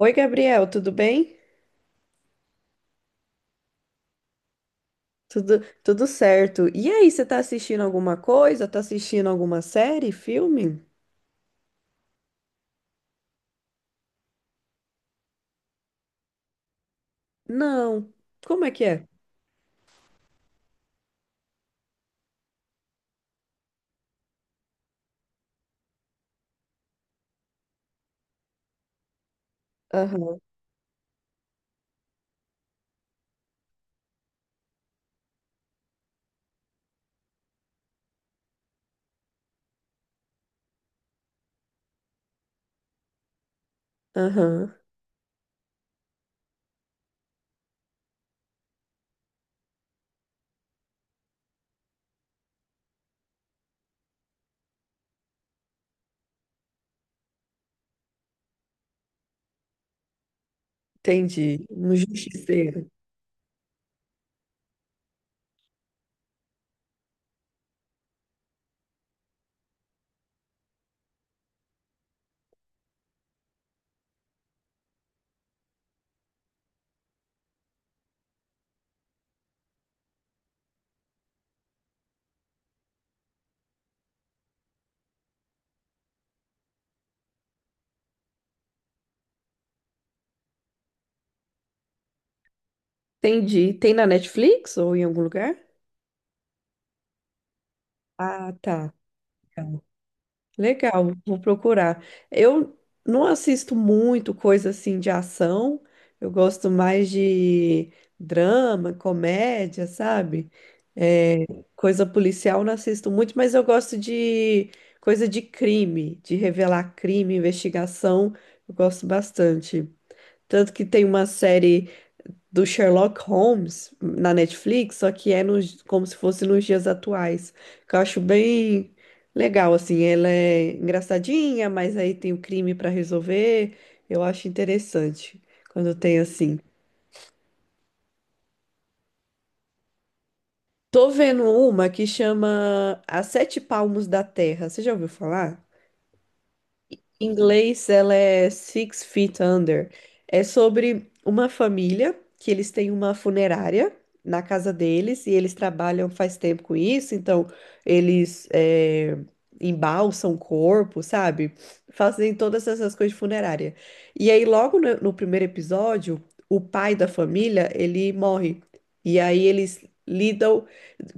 Oi, Gabriel, tudo bem? Tudo, tudo certo. E aí, você tá assistindo alguma coisa? Tá assistindo alguma série, filme? Não. Como é que é? Aham, aham. Entendi. Um justiceiro. Entendi. Tem na Netflix ou em algum lugar? Ah, tá. Legal, vou procurar. Eu não assisto muito coisa assim de ação, eu gosto mais de drama, comédia, sabe? É, coisa policial eu não assisto muito, mas eu gosto de coisa de crime, de revelar crime, investigação, eu gosto bastante. Tanto que tem uma série do Sherlock Holmes na Netflix, só que é como se fosse nos dias atuais. Que eu acho bem legal, assim. Ela é engraçadinha, mas aí tem o crime para resolver. Eu acho interessante quando tem assim. Tô vendo uma que chama As Sete Palmos da Terra. Você já ouviu falar? Em inglês, ela é Six Feet Under. É sobre uma família que eles têm uma funerária na casa deles e eles trabalham faz tempo com isso, então eles embalsam o corpo, sabe? Fazem todas essas coisas de funerária. E aí, logo no primeiro episódio, o pai da família, ele morre. E aí eles lidam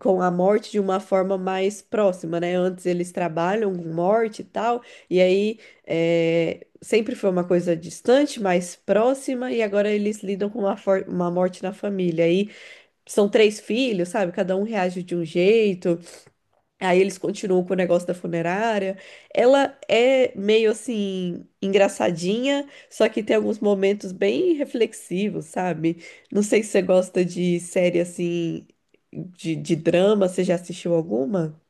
com a morte de uma forma mais próxima, né? Antes eles trabalham com morte e tal, e aí é, sempre foi uma coisa distante, mais próxima, e agora eles lidam com uma, uma morte na família. Aí são três filhos, sabe? Cada um reage de um jeito, aí eles continuam com o negócio da funerária. Ela é meio assim, engraçadinha, só que tem alguns momentos bem reflexivos, sabe? Não sei se você gosta de série assim, de drama, você já assistiu alguma?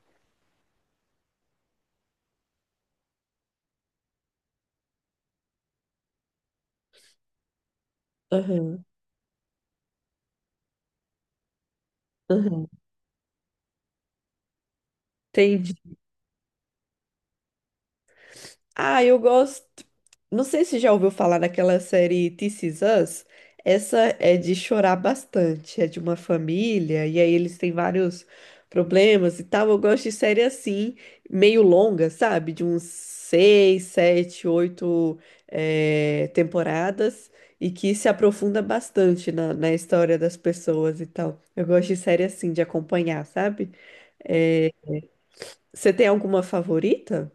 Aham, aham. Entendi. Ah, eu gosto. Não sei se já ouviu falar daquela série This Is Us. Essa é de chorar bastante. É de uma família, e aí eles têm vários problemas e tal. Eu gosto de série assim, meio longa, sabe? De uns seis, sete, oito temporadas, e que se aprofunda bastante na história das pessoas e tal. Eu gosto de série assim, de acompanhar, sabe? Eh, você tem alguma favorita?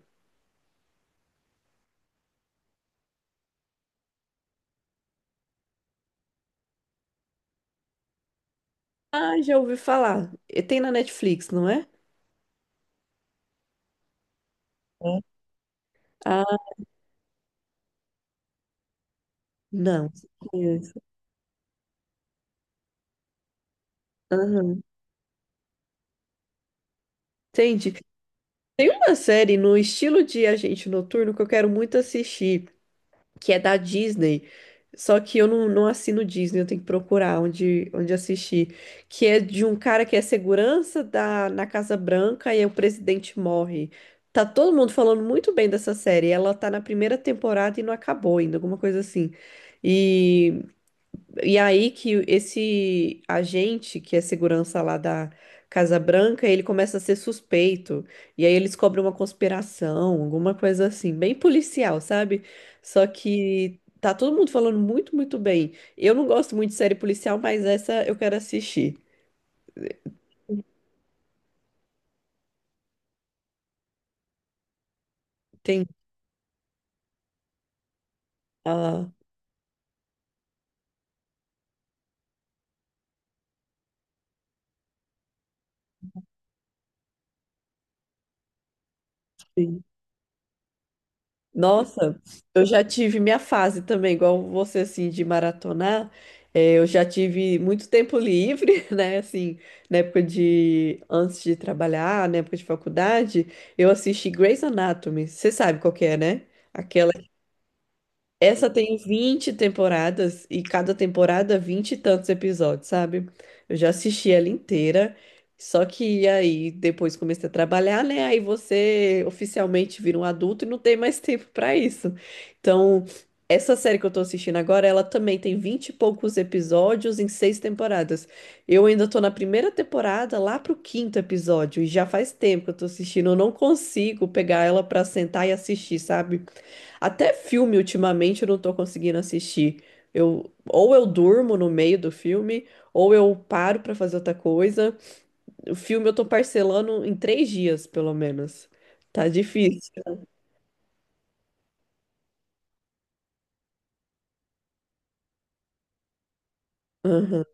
Ah, já ouvi falar. E tem na Netflix, não é? Né? Ah, não. Conheço. Aham. Entendi. Tem uma série no estilo de Agente Noturno que eu quero muito assistir, que é da Disney. Só que eu não, não assino Disney, eu tenho que procurar onde assistir. Que é de um cara que é segurança na Casa Branca e aí o presidente morre. Tá todo mundo falando muito bem dessa série. Ela tá na primeira temporada e não acabou ainda, alguma coisa assim. E E aí que esse agente, que é segurança lá da Casa Branca, ele começa a ser suspeito. E aí eles cobrem uma conspiração, alguma coisa assim, bem policial, sabe? Só que tá todo mundo falando muito, muito bem. Eu não gosto muito de série policial, mas essa eu quero assistir. Tem. Ah, sim. Nossa, eu já tive minha fase também, igual você, assim, de maratonar. Eu já tive muito tempo livre, né? Assim, na época de... Antes de trabalhar, na época de faculdade, eu assisti Grey's Anatomy. Você sabe qual que é, né? Aquela, essa tem 20 temporadas e cada temporada 20 e tantos episódios, sabe? Eu já assisti ela inteira, só que aí depois comecei a trabalhar, né? Aí você oficialmente vira um adulto e não tem mais tempo pra isso. Então, essa série que eu tô assistindo agora, ela também tem 20 e poucos episódios em seis temporadas. Eu ainda tô na primeira temporada, lá pro quinto episódio, e já faz tempo que eu tô assistindo, eu não consigo pegar ela pra sentar e assistir, sabe? Até filme, ultimamente, eu não tô conseguindo assistir. Ou eu durmo no meio do filme, ou eu paro pra fazer outra coisa. O filme eu tô parcelando em três dias, pelo menos. Tá difícil. Aham.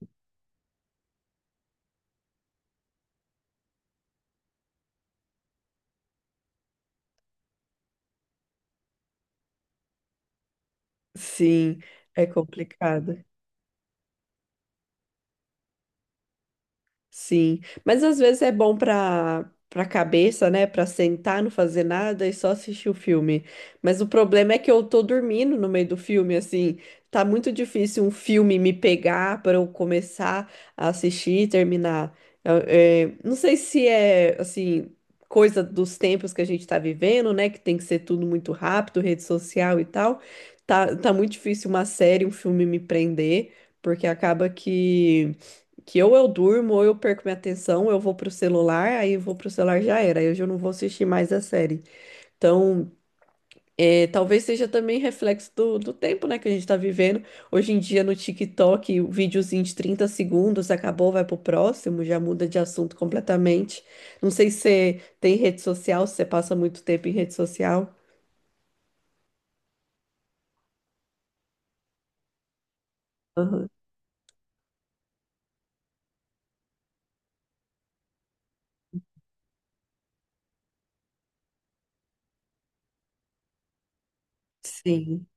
Sim, é complicado. Sim, mas às vezes é bom para para cabeça, né? Para sentar, não fazer nada e só assistir o filme. Mas o problema é que eu tô dormindo no meio do filme, assim, tá muito difícil um filme me pegar para eu começar a assistir e terminar. Não sei se é assim coisa dos tempos que a gente tá vivendo, né? Que tem que ser tudo muito rápido, rede social e tal. Tá muito difícil uma série, um filme me prender, porque acaba que ou eu durmo, ou eu perco minha atenção, eu vou pro celular, aí eu vou pro celular já era, aí eu já não vou assistir mais a série. Então, é, talvez seja também reflexo do tempo, né, que a gente tá vivendo. Hoje em dia no TikTok, o videozinho de 30 segundos acabou, vai pro próximo, já muda de assunto completamente. Não sei se você tem rede social, se você passa muito tempo em rede social. Aham. Sim.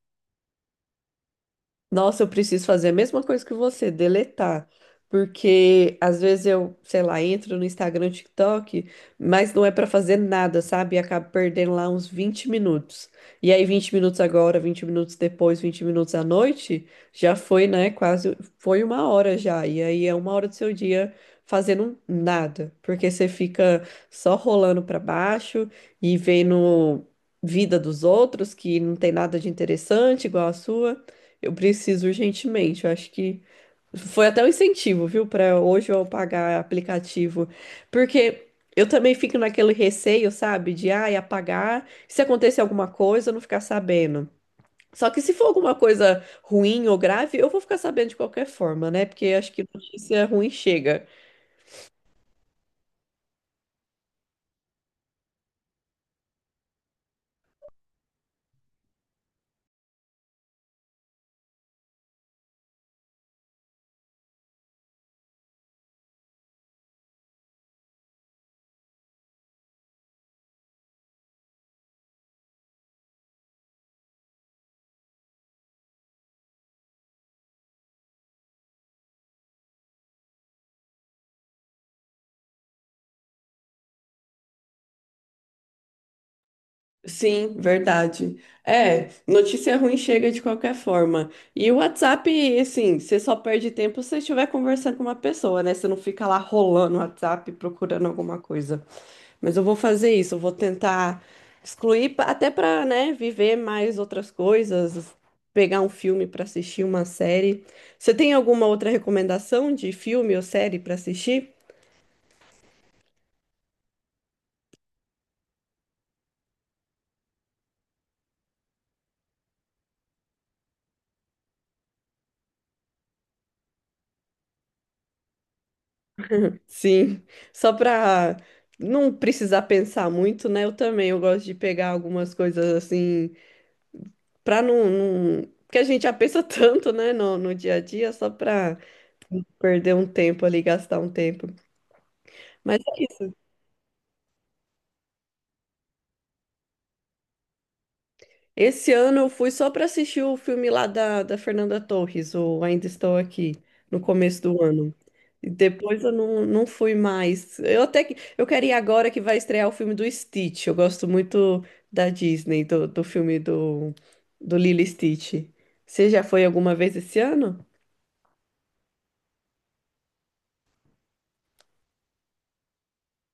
Nossa, eu preciso fazer a mesma coisa que você, deletar. Porque às vezes eu, sei lá, entro no Instagram, TikTok, mas não é pra fazer nada, sabe? E acabo perdendo lá uns 20 minutos. E aí 20 minutos agora, 20 minutos depois, 20 minutos à noite, já foi, né? Quase, foi uma hora já. E aí é uma hora do seu dia fazendo nada, porque você fica só rolando pra baixo e vendo vida dos outros que não tem nada de interessante igual a sua. Eu preciso urgentemente. Eu acho que foi até um incentivo, viu, para hoje eu pagar aplicativo. Porque eu também fico naquele receio, sabe, de ai, apagar, se acontecer alguma coisa, eu não ficar sabendo. Só que se for alguma coisa ruim ou grave, eu vou ficar sabendo de qualquer forma, né? Porque acho que notícia ruim chega. Sim, verdade. É, notícia ruim chega de qualquer forma. E o WhatsApp, assim, você só perde tempo se você estiver conversando com uma pessoa, né? Você não fica lá rolando o WhatsApp procurando alguma coisa. Mas eu vou fazer isso, eu vou tentar excluir, até para, né, viver mais outras coisas, pegar um filme para assistir, uma série. Você tem alguma outra recomendação de filme ou série para assistir? Sim, só para não precisar pensar muito, né? Eu também, eu gosto de pegar algumas coisas assim, para não, não... Porque a gente já pensa tanto, né, no dia a dia, só para perder um tempo ali, gastar um tempo. Mas é isso. Esse ano eu fui só para assistir o filme lá da Fernanda Torres, ou Ainda Estou Aqui, no começo do ano. E depois eu não, não fui mais. Eu até que eu quero ir agora que vai estrear o filme do Stitch. Eu gosto muito da Disney, do filme do Lilo e Stitch. Você já foi alguma vez esse ano?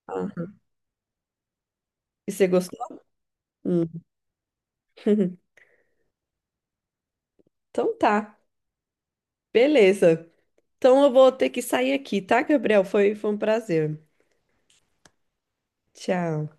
Ah, e você gostou? Hum. Então tá, beleza. Então eu vou ter que sair aqui, tá, Gabriel? Foi um prazer. Tchau.